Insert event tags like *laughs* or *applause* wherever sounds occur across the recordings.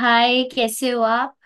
हाय, कैसे हो आप?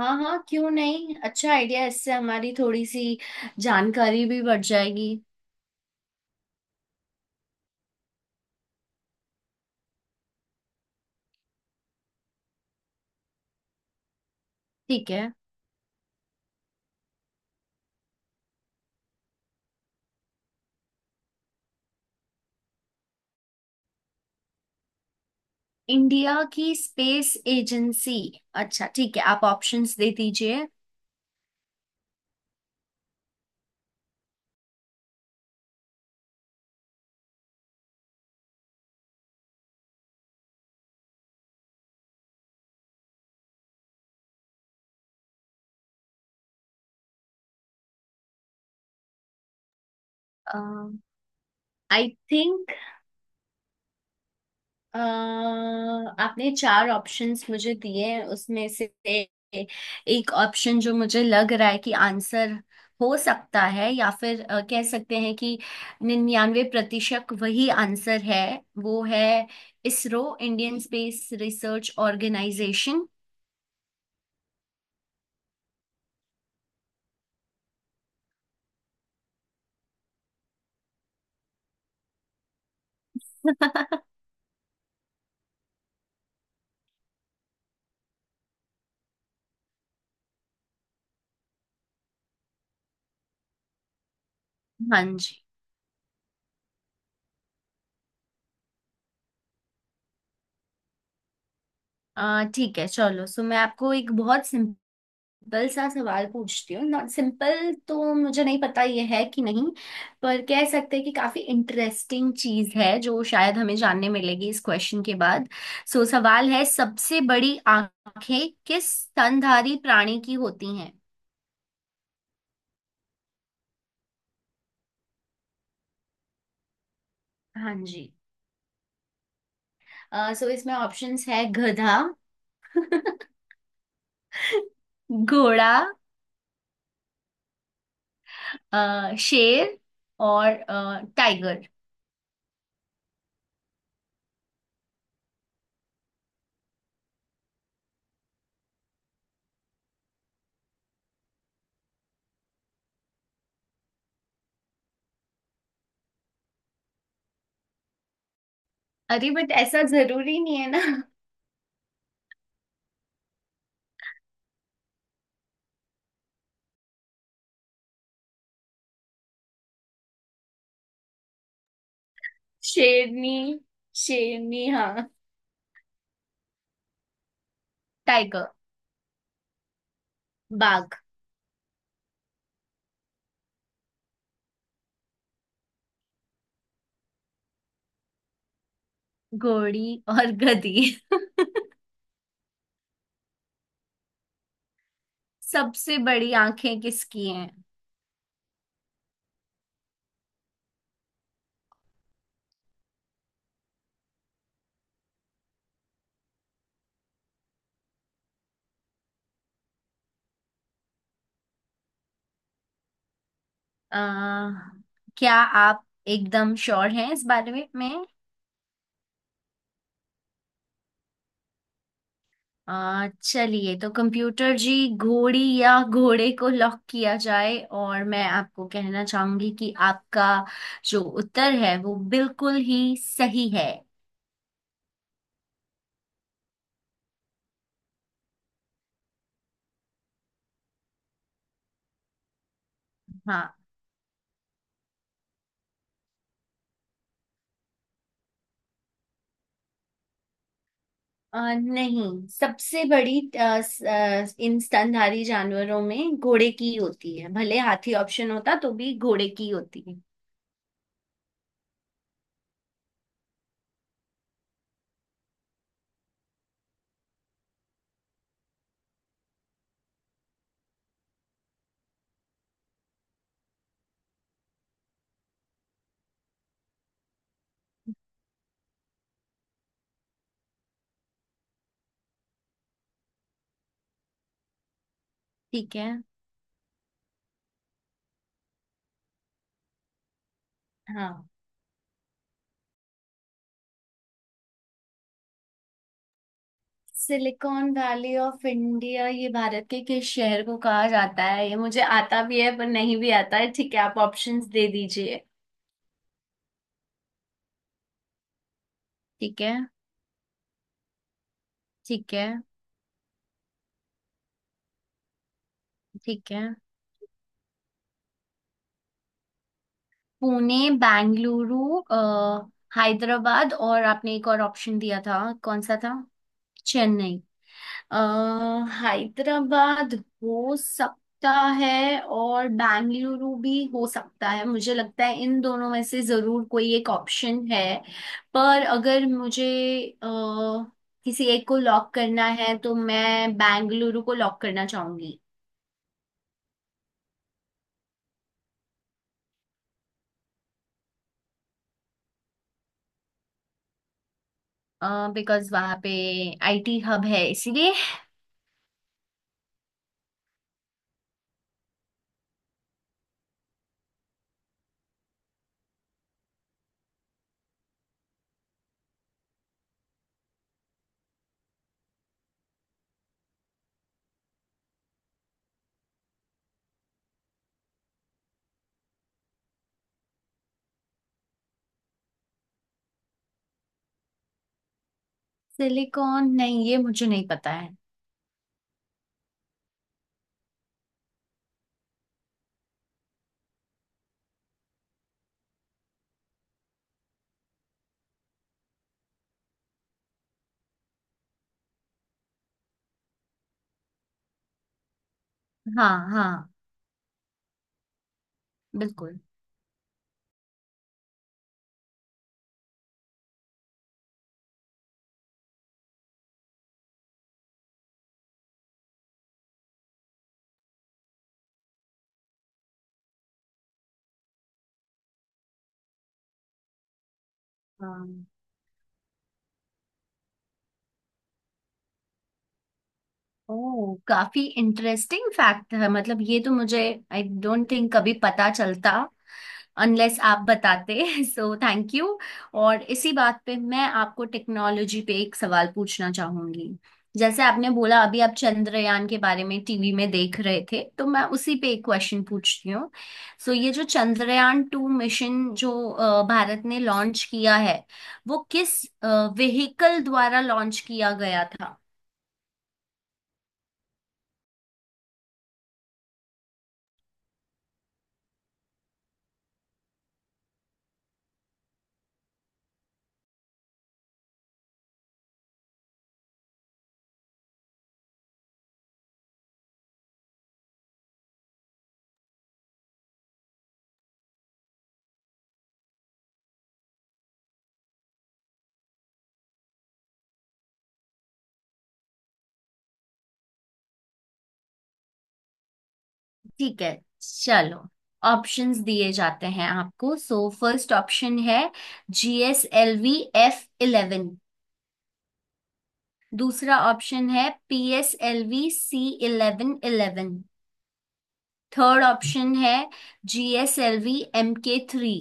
हाँ हाँ, क्यों नहीं। अच्छा आइडिया। इससे हमारी थोड़ी सी जानकारी भी बढ़ जाएगी। ठीक है। इंडिया की स्पेस एजेंसी। अच्छा, ठीक है, आप ऑप्शंस दे दीजिए। I think. अ, आपने चार ऑप्शंस मुझे दिए हैं, उसमें से एक ऑप्शन जो मुझे लग रहा है कि आंसर हो सकता है, या फिर कह सकते हैं कि 99% वही आंसर है। वो है ISRO, Indian space research organisation. *laughs* हाँ जी। ठीक है, चलो। सो मैं आपको एक बहुत सिंपल सा सवाल पूछती हूँ। नॉट सिंपल, तो मुझे नहीं पता ये है कि नहीं, पर कह सकते हैं कि काफी इंटरेस्टिंग चीज है जो शायद हमें जानने मिलेगी इस क्वेश्चन के बाद। सो सवाल है, सबसे बड़ी आंखें किस स्तनधारी प्राणी की होती हैं? हाँ जी। सो इसमें ऑप्शंस है, गधा, *laughs* घोड़ा, शेर, और टाइगर। अरे, बट ऐसा जरूरी नहीं है ना। *laughs* शेरनी। शेरनी, हाँ। टाइगर। बाघ। घोड़ी और गधी। *laughs* सबसे बड़ी आंखें किसकी हैं? अ, क्या आप एकदम श्योर हैं इस बारे में? चलिए, तो कंप्यूटर जी, घोड़ी या घोड़े को लॉक किया जाए। और मैं आपको कहना चाहूंगी कि आपका जो उत्तर है वो बिल्कुल ही सही है। हाँ। नहीं, सबसे बड़ी इन स्तनधारी जानवरों में घोड़े की होती है, भले हाथी ऑप्शन होता तो भी घोड़े की होती है। ठीक है। हाँ। सिलिकॉन वैली ऑफ इंडिया ये भारत के किस शहर को कहा जाता है, ये मुझे आता भी है पर नहीं भी आता है। ठीक है, आप ऑप्शंस दे दीजिए। ठीक है। ठीक है। ठीक है। पुणे, बेंगलुरु, अ, हैदराबाद, और आपने एक और ऑप्शन दिया था, कौन सा था? चेन्नई। अ, हैदराबाद हो सकता है, और बेंगलुरु भी हो सकता है। मुझे लगता है इन दोनों में से जरूर कोई एक ऑप्शन है। पर अगर मुझे अ, किसी एक को लॉक करना है, तो मैं बेंगलुरु को लॉक करना चाहूंगी। बिकॉज वहां पे IT हब है, इसीलिए। सिलिकॉन, नहीं, ये मुझे नहीं पता है। हाँ हाँ। बिल्कुल। ओह, काफी इंटरेस्टिंग फैक्ट है, मतलब ये तो मुझे, आई डोंट थिंक, कभी पता चलता अनलेस आप बताते। *laughs* सो थैंक यू। और इसी बात पे मैं आपको टेक्नोलॉजी पे एक सवाल पूछना चाहूंगी। जैसे आपने बोला अभी आप चंद्रयान के बारे में टीवी में देख रहे थे, तो मैं उसी पे एक क्वेश्चन पूछती हूँ। सो ये जो चंद्रयान 2 मिशन जो भारत ने लॉन्च किया है, वो किस व्हीकल द्वारा लॉन्च किया गया था? ठीक है, चलो। ऑप्शंस दिए जाते हैं आपको। सो फर्स्ट ऑप्शन है GSLV F11। दूसरा ऑप्शन है P S L V C eleven eleven. Third option है GSLV Mk III।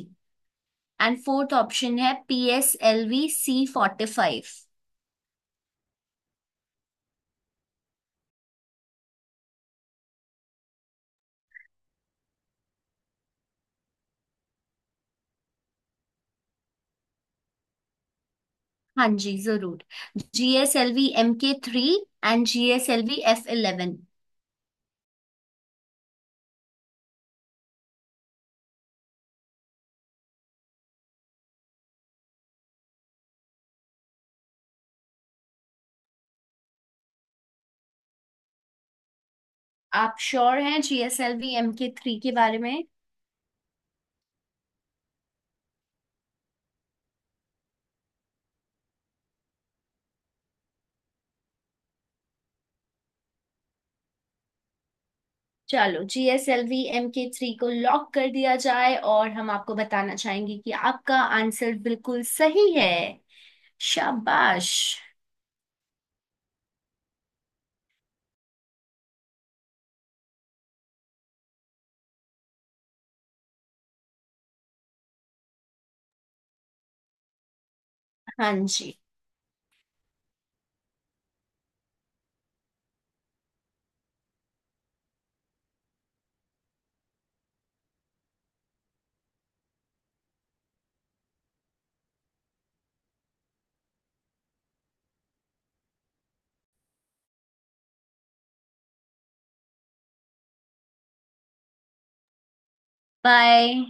And fourth option है PSLV C45। हाँ जी, जरूर। GSLV Mk III and GSLV F11। आप श्योर हैं GSLV Mk III के बारे में? चलो, GSLV Mk III को लॉक कर दिया जाए। और हम आपको बताना चाहेंगे कि आपका आंसर बिल्कुल सही है। शाबाश। हाँ जी। बाय।